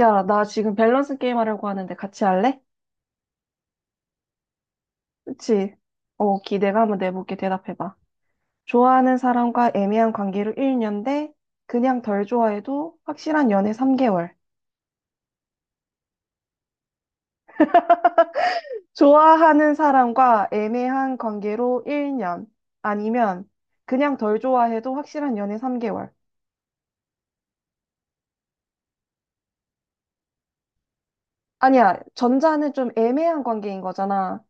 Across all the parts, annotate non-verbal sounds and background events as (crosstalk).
야, 나 지금 밸런스 게임 하려고 하는데 같이 할래? 그치? 어, 기대가 한번 내볼게. 대답해봐. 좋아하는 사람과 애매한 관계로 1년 대 그냥 덜 좋아해도 확실한 연애 3개월. 좋아하는 사람과 애매한 관계로 1년. 아니면 그냥 덜 좋아해도 확실한 연애 3개월. 아니야, 전자는 좀 애매한 관계인 거잖아.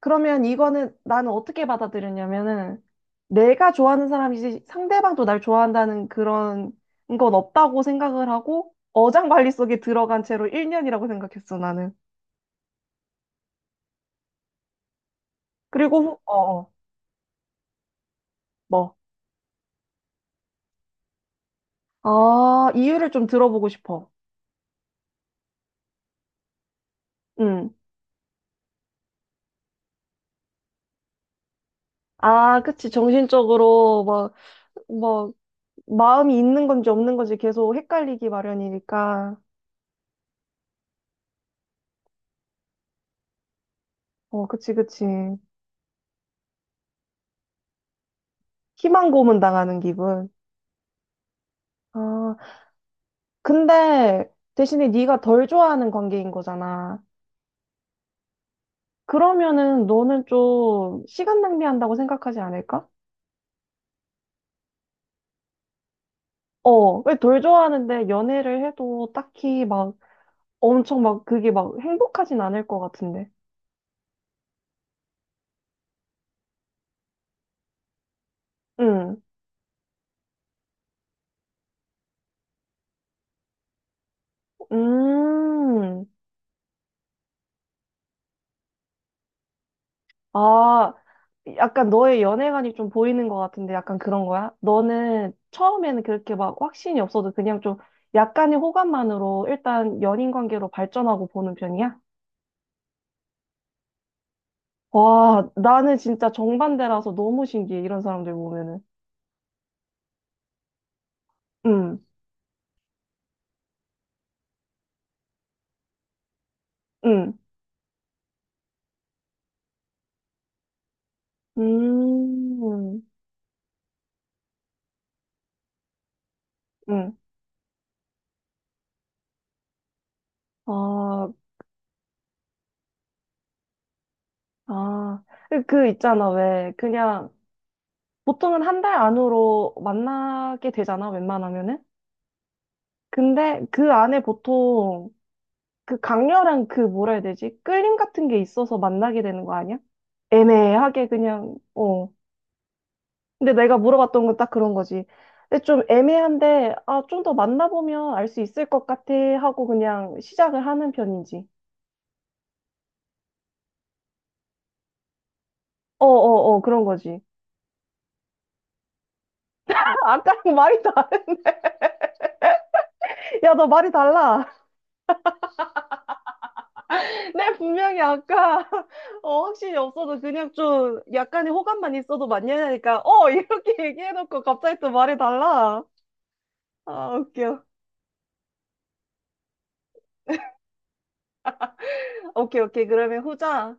그러면 이거는 나는 어떻게 받아들였냐면은 내가 좋아하는 사람이지 상대방도 날 좋아한다는 그런 건 없다고 생각을 하고 어장관리 속에 들어간 채로 1년이라고 생각했어, 나는. 그리고, 후- 어, 어, 뭐. 아, 이유를 좀 들어보고 싶어. 응. 아, 그치. 정신적으로 막, 뭐, 마음이 있는 건지 없는 건지 계속 헷갈리기 마련이니까. 어, 그치, 그치. 희망 고문 당하는 기분. 아, 근데 대신에 네가 덜 좋아하는 관계인 거잖아. 그러면은 너는 좀 시간 낭비한다고 생각하지 않을까? 어, 왜 덜 좋아하는데 연애를 해도 딱히 막 엄청 막 그게 막 행복하진 않을 것 같은데. 응. 음. 아, 약간 너의 연애관이 좀 보이는 것 같은데 약간 그런 거야? 너는 처음에는 그렇게 막 확신이 없어도 그냥 좀 약간의 호감만으로 일단 연인 관계로 발전하고 보는 편이야? 와, 나는 진짜 정반대라서 너무 신기해, 이런 사람들 보면은. 응, 응, 음, 응. 아, 아. 그 있잖아, 왜. 그냥, 보통은 한 달 안으로 만나게 되잖아, 웬만하면은. 근데 그 안에 보통 그 강렬한 그 뭐라 해야 되지? 끌림 같은 게 있어서 만나게 되는 거 아니야? 애매하게 그냥, 어. 근데 내가 물어봤던 건 딱 그런 거지. 근데 좀 애매한데, 아, 좀 더 만나보면 알 수 있을 것 같아 하고 그냥 시작을 하는 편인지. 어어어, 그런 거지. (laughs) 아까랑 말이 다, (laughs) 야, 너 말이 달라. (laughs) 내 분명히 아까, (laughs) 어, 확신이 없어도 그냥 좀 약간의 호감만 있어도 만나니까, 이렇게 (laughs) 얘기해놓고 갑자기 또 말이 달라. 아, 웃겨. 오케이, 오케이. 그러면 후자.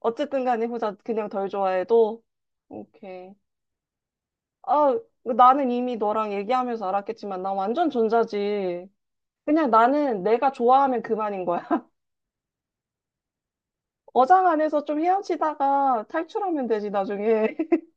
어쨌든 간에 후자 그냥 덜 좋아해도. 오케이. 아, 나는 이미 너랑 얘기하면서 알았겠지만, 나 완전 전자지. 그냥 나는 내가 좋아하면 그만인 거야. (laughs) 어장 안에서 좀 헤엄치다가 탈출하면 되지, 나중에. (laughs)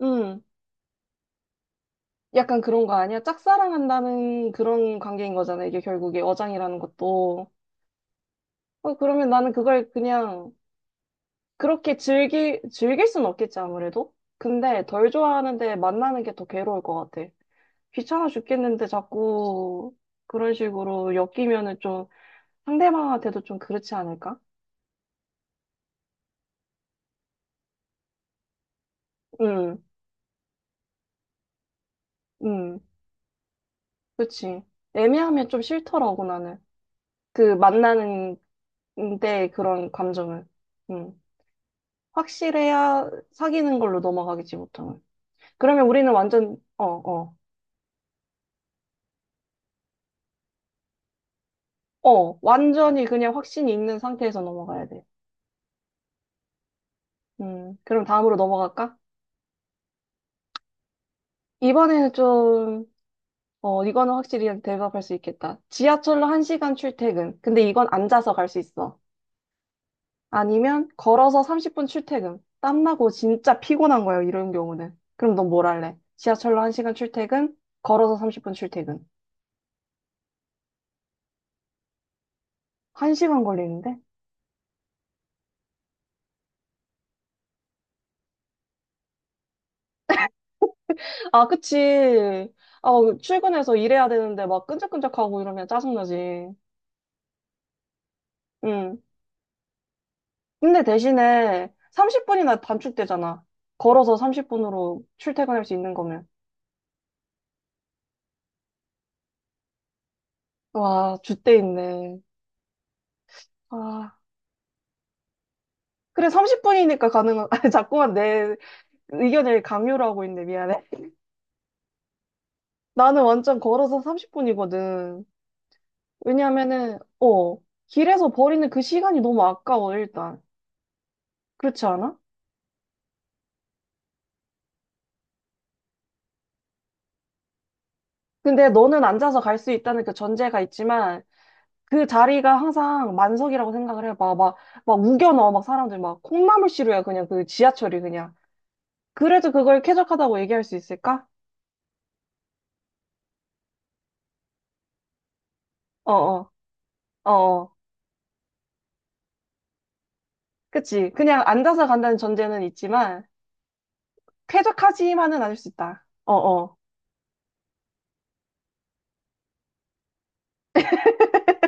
음, 약간 그런 거 아니야? 짝사랑한다는 그런 관계인 거잖아, 이게 결국에 어장이라는 것도. 어, 그러면 나는 그걸 그냥 그렇게 즐길 순 없겠지, 아무래도? 근데 덜 좋아하는데 만나는 게 더 괴로울 것 같아. 귀찮아 죽겠는데 자꾸 그런 식으로 엮이면은 좀 상대방한테도 좀 그렇지 않을까? 응, 응, 그치. 애매하면 좀 싫더라고, 나는. 그 만나는 데 그런 감정을. 응. 확실해야 사귀는 걸로 넘어가겠지, 보통은. 그러면 우리는 완전, 어, 어, 어, 완전히 그냥 확신이 있는 상태에서 넘어가야 돼. 그럼 다음으로 넘어갈까? 이번에는 좀, 이거는 확실히 대답할 수 있겠다. 지하철로 1시간 출퇴근. 근데 이건 앉아서 갈 수 있어. 아니면 걸어서 30분 출퇴근. 땀나고 진짜 피곤한 거예요, 이런 경우는. 그럼 넌 뭘 할래? 지하철로 1시간 출퇴근, 걸어서 30분 출퇴근. 1시간 걸리는데? 아, 그치. 아, 출근해서 일해야 되는데 막 끈적끈적하고 이러면 짜증나지. 응. 근데 대신에 30분이나 단축되잖아. 걸어서 30분으로 출퇴근할 수 있는 거면. 와, 줏대 있네. 아, 그래, 30분이니까 가능한, (laughs) 아, 자꾸만 내 의견을 강요를 하고 있네. 미안해. 나는 완전 걸어서 30분이거든. 왜냐면은, 길에서 버리는 그 시간이 너무 아까워, 일단. 그렇지 않아? 근데 너는 앉아서 갈 수 있다는 그 전제가 있지만, 그 자리가 항상 만석이라고 생각을 해봐. 막, 막 우겨넣어, 막 사람들 막 콩나물 시루야, 그냥 그 지하철이 그냥. 그래도 그걸 쾌적하다고 얘기할 수 있을까? 어어, 어어. 그치. 그냥 앉아서 간다는 전제는 있지만, 쾌적하지만은 않을 수 있다. 어어.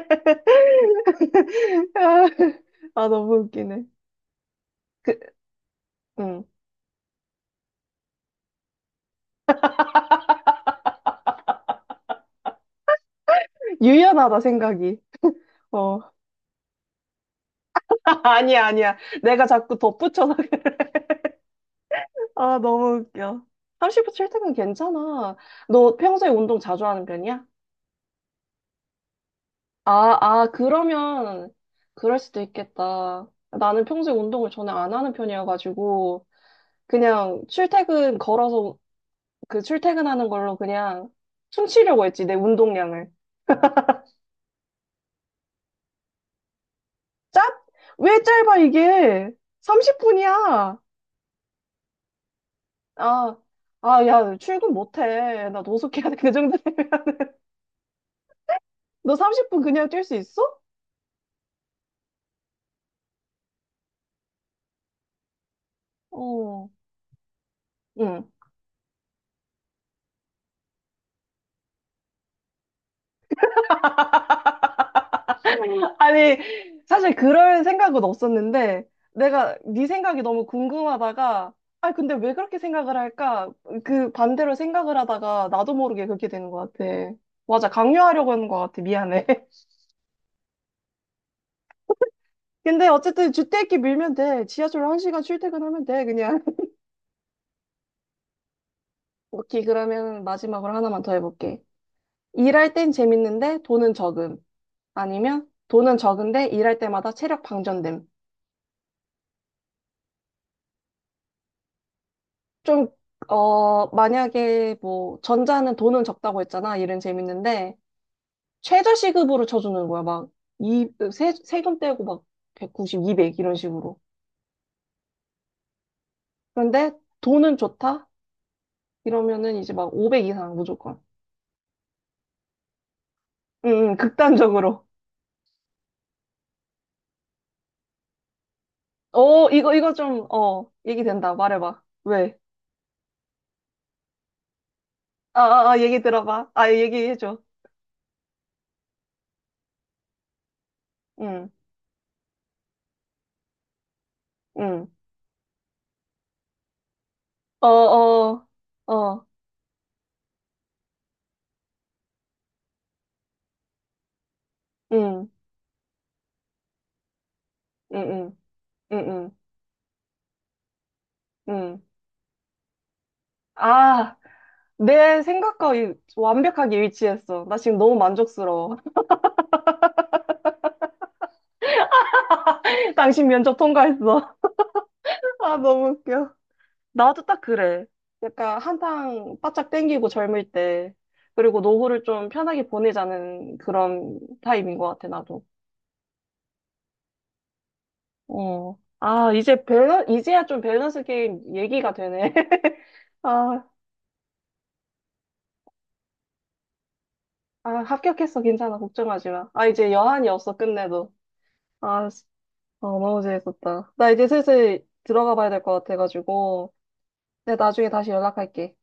(laughs) 아, 너무 웃기네. 그, 음. 유연하다 생각이. 어. (laughs) 아니야, 아니야. 내가 자꾸 덧붙여서. (laughs) 아, 너무 웃겨. 30분 출퇴근 괜찮아. 너 평소에 운동 자주 하는 편이야? 아, 아, 그러면 그럴 수도 있겠다. 나는 평소에 운동을 전혀 안 하는 편이어가지고 그냥 출퇴근 걸어서 그 출퇴근하는 걸로 그냥 퉁치려고 했지, 내 운동량을. 짭? 왜 짧아, 이게? 30분이야. 아, 아, 야, 출근 못해. 나 노숙해야 돼. 그 정도 되면. (laughs) 너 30분 그냥 뛸 수 있어? 어, 응. (laughs) 아니, 사실 그럴 생각은 없었는데, 내가 네 생각이 너무 궁금하다가, 아, 근데 왜 그렇게 생각을 할까? 그 반대로 생각을 하다가 나도 모르게 그렇게 되는 것 같아. 맞아, 강요하려고 하는 것 같아. 미안해. (laughs) 근데 어쨌든 주택기 밀면 돼. 지하철로 1시간 출퇴근하면 돼, 그냥. 오케이, 그러면 마지막으로 하나만 더 해볼게. 일할 땐 재밌는데 돈은 적음. 아니면 돈은 적은데 일할 때마다 체력 방전됨. 좀, 만약에 뭐, 전자는 돈은 적다고 했잖아. 일은 재밌는데, 최저시급으로 쳐주는 거야. 막, 세금 떼고 막, 190, 200 이런 식으로. 그런데 돈은 좋다? 이러면은 이제 막 500 이상 무조건. 응, 응, 극단적으로. 어, 이거 좀, 얘기 된다. 말해봐. 왜? 어, 어, 어, 얘기 들어봐. 아, 얘기해줘. 응, 응. 어, 어, 어, 응, 응, 응, 응, 응. 응. 아, 내 생각과 완벽하게 일치했어. 나 지금 너무 만족스러워. (laughs) 당신 면접 통과했어. (laughs) 아, 너무 웃겨. 나도 딱 그래. 약간 한탕 바짝 땡기고 젊을 때. 그리고 노후를 좀 편하게 보내자는 그런 타입인 것 같아, 나도. 어. 아, 이제야 좀 밸런스 게임 얘기가 되네. (laughs) 아. 아, 합격했어. 괜찮아. 걱정하지 마. 아, 이제 여한이 없어. 끝내도. 아, 씨. 어, 너무 재밌었다. 나 이제 슬슬 들어가 봐야 될 것 같아가지고. 내가 나중에 다시 연락할게.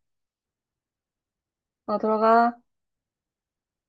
아, 들어가.